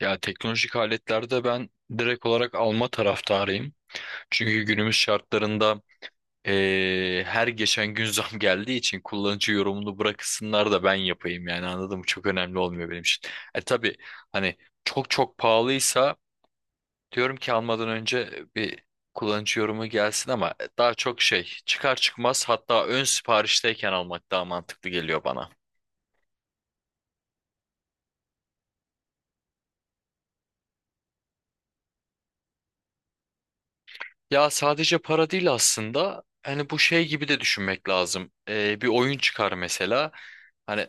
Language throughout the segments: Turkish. Ya teknolojik aletlerde ben direkt olarak alma taraftarıyım. Çünkü günümüz şartlarında her geçen gün zam geldiği için kullanıcı yorumunu bırakısınlar da ben yapayım yani anladın mı? Çok önemli olmuyor benim için. E tabii hani çok çok pahalıysa diyorum ki almadan önce bir kullanıcı yorumu gelsin ama daha çok şey çıkar çıkmaz hatta ön siparişteyken almak daha mantıklı geliyor bana. Ya sadece para değil aslında. Hani bu şey gibi de düşünmek lazım. Bir oyun çıkar mesela. Hani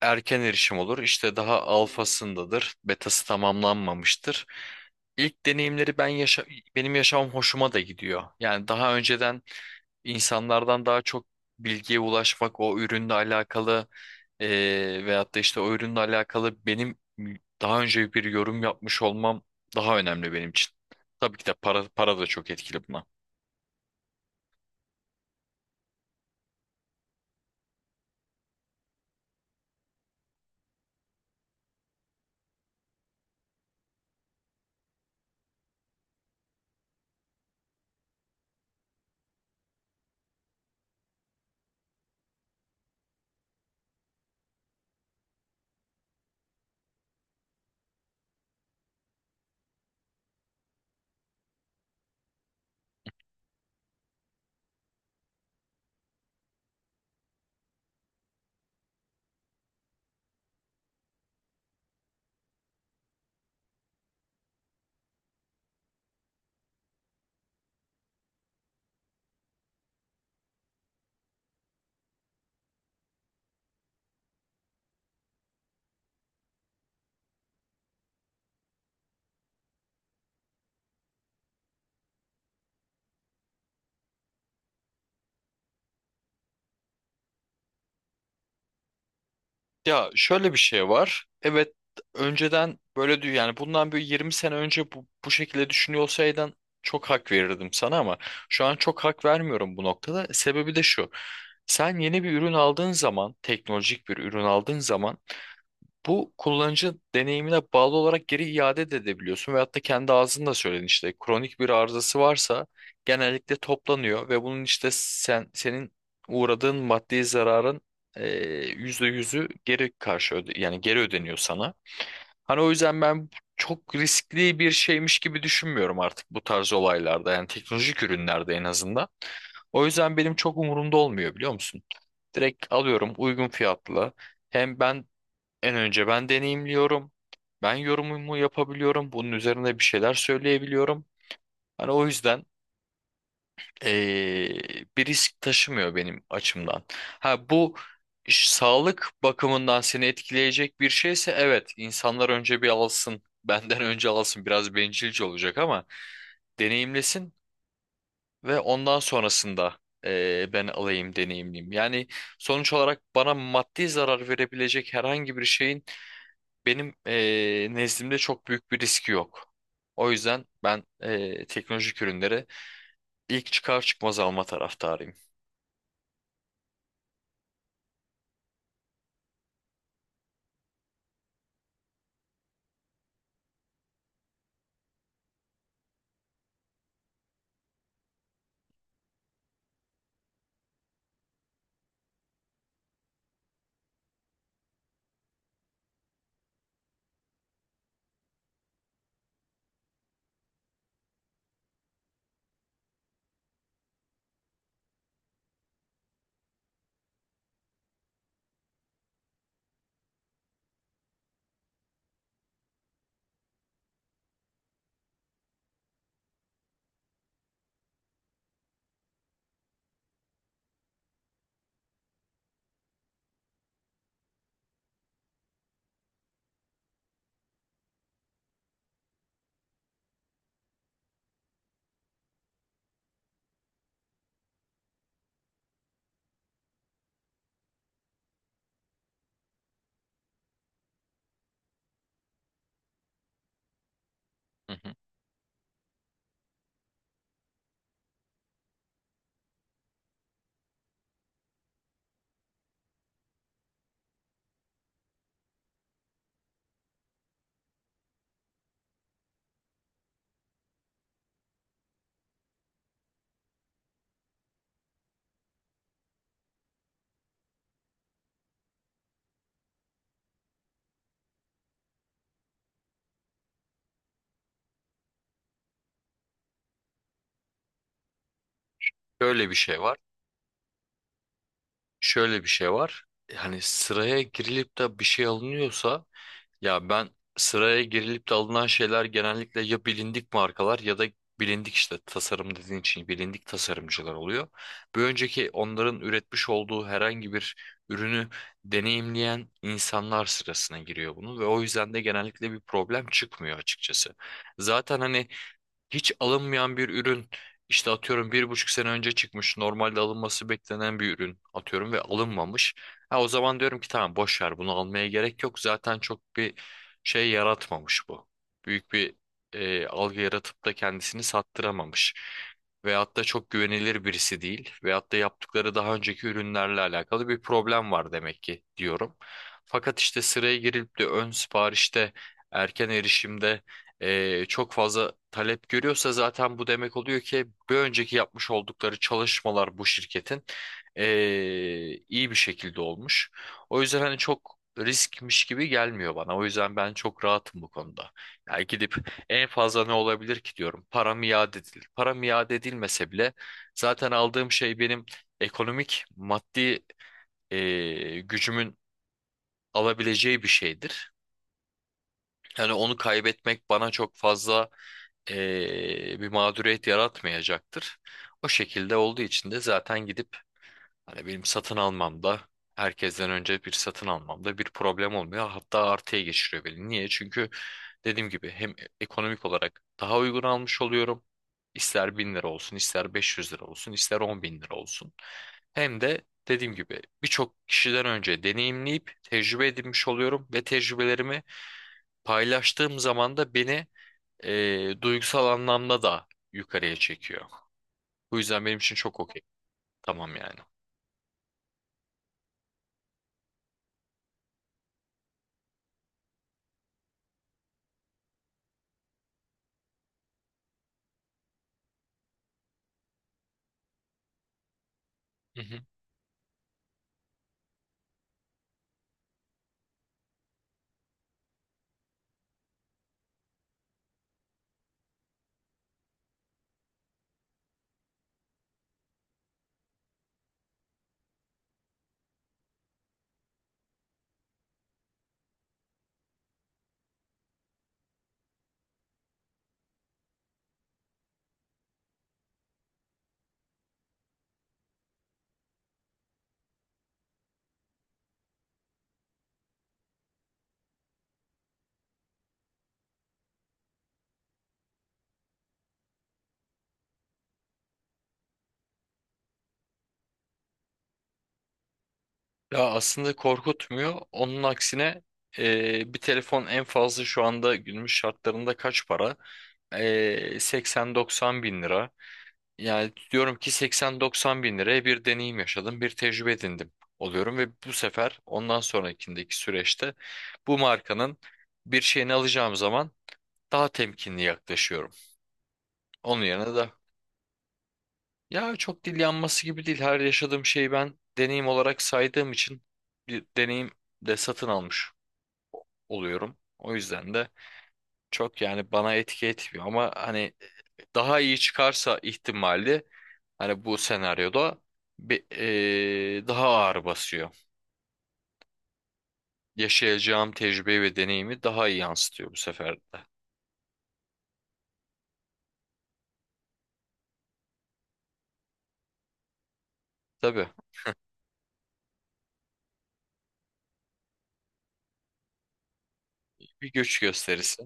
erken erişim olur. İşte daha alfasındadır. Betası tamamlanmamıştır. İlk deneyimleri ben yaşa Benim yaşamam hoşuma da gidiyor. Yani daha önceden insanlardan daha çok bilgiye ulaşmak, o ürünle alakalı e, veyahut da işte o ürünle alakalı benim daha önce bir yorum yapmış olmam daha önemli benim için. Tabii ki de para da çok etkili buna. Ya şöyle bir şey var. Evet önceden böyle diyor yani bundan bir 20 sene önce bu şekilde düşünüyor olsaydın çok hak verirdim sana ama şu an çok hak vermiyorum bu noktada. Sebebi de şu. Sen yeni bir ürün aldığın zaman, teknolojik bir ürün aldığın zaman bu kullanıcı deneyimine bağlı olarak geri iade de edebiliyorsun ve hatta kendi ağzında söyledin işte kronik bir arızası varsa genellikle toplanıyor ve bunun işte senin uğradığın maddi zararın yüzde yüzü yani geri ödeniyor sana. Hani o yüzden ben çok riskli bir şeymiş gibi düşünmüyorum artık bu tarz olaylarda yani teknolojik ürünlerde en azından. O yüzden benim çok umurumda olmuyor biliyor musun? Direkt alıyorum uygun fiyatlı. Hem en önce ben deneyimliyorum. Ben yorumumu yapabiliyorum. Bunun üzerine bir şeyler söyleyebiliyorum. Hani o yüzden bir risk taşımıyor benim açımdan. Ha bu Sağlık bakımından seni etkileyecek bir şeyse evet insanlar önce bir alsın. Benden önce alsın. Biraz bencilce olacak ama deneyimlesin ve ondan sonrasında ben alayım deneyimliyim. Yani sonuç olarak bana maddi zarar verebilecek herhangi bir şeyin benim nezdimde çok büyük bir riski yok. O yüzden ben teknolojik ürünleri ilk çıkar çıkmaz alma taraftarıyım. Hı hı. Şöyle bir şey var. Şöyle bir şey var. Hani sıraya girilip de bir şey alınıyorsa Ya ben sıraya girilip de alınan şeyler genellikle ya bilindik markalar ya da bilindik işte tasarım dediğin için bilindik tasarımcılar oluyor. Bir önceki onların üretmiş olduğu herhangi bir ürünü deneyimleyen insanlar sırasına giriyor bunu ve o yüzden de genellikle bir problem çıkmıyor açıkçası. Zaten hani hiç alınmayan bir ürün işte atıyorum bir buçuk sene önce çıkmış normalde alınması beklenen bir ürün atıyorum ve alınmamış. Ha, o zaman diyorum ki tamam boş ver bunu almaya gerek yok zaten çok bir şey yaratmamış bu. Büyük bir algı yaratıp da kendisini sattıramamış. Veyahut da çok güvenilir birisi değil. Veyahut da yaptıkları daha önceki ürünlerle alakalı bir problem var demek ki diyorum. Fakat işte sıraya girilip de ön siparişte, erken erişimde çok fazla talep görüyorsa zaten bu demek oluyor ki bir önceki yapmış oldukları çalışmalar bu şirketin e, iyi bir şekilde olmuş. O yüzden hani çok riskmiş gibi gelmiyor bana. O yüzden ben çok rahatım bu konuda. Yani gidip en fazla ne olabilir ki diyorum. Param iade edilir. Param iade edilmese bile zaten aldığım şey benim ekonomik, maddi gücümün alabileceği bir şeydir. Yani onu kaybetmek bana çok fazla bir mağduriyet yaratmayacaktır. O şekilde olduğu için de zaten gidip hani benim satın almamda herkesten önce bir satın almamda bir problem olmuyor. Hatta artıya geçiriyor beni. Niye? Çünkü dediğim gibi hem ekonomik olarak daha uygun almış oluyorum. İster 1000 lira olsun, ister 500 lira olsun, ister 10 bin lira olsun. Hem de dediğim gibi birçok kişiden önce deneyimleyip tecrübe edinmiş oluyorum ve tecrübelerimi paylaştığım zaman da beni duygusal anlamda da yukarıya çekiyor. Bu yüzden benim için çok okey. Tamam yani. Hı hı. Ya aslında korkutmuyor. Onun aksine bir telefon en fazla şu anda günümüz şartlarında kaç para? 80-90 bin lira. Yani diyorum ki 80-90 bin liraya bir deneyim yaşadım, bir tecrübe edindim oluyorum ve bu sefer ondan sonrakindeki süreçte bu markanın bir şeyini alacağım zaman daha temkinli yaklaşıyorum. Onun yerine de ya çok dil yanması gibi değil. Her yaşadığım şeyi ben deneyim olarak saydığım için bir deneyim de satın almış oluyorum. O yüzden de çok yani bana etki etmiyor ama hani daha iyi çıkarsa ihtimali hani bu senaryoda bir, daha ağır basıyor. Yaşayacağım tecrübe ve deneyimi daha iyi yansıtıyor bu sefer de. Tabii bir göç gösterisi.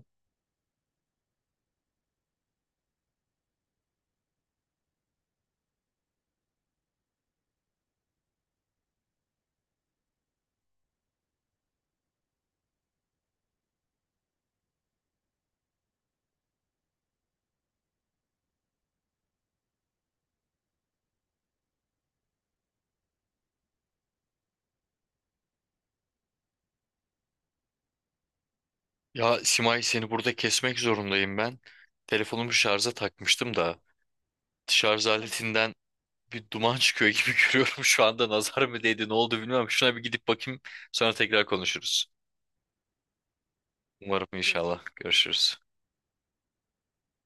Ya Simay seni burada kesmek zorundayım ben. Telefonumu şarja takmıştım da. Şarj aletinden bir duman çıkıyor gibi görüyorum şu anda. Nazar mı değdi, ne oldu bilmiyorum. Şuna bir gidip bakayım, sonra tekrar konuşuruz. Umarım inşallah. Görüşürüz.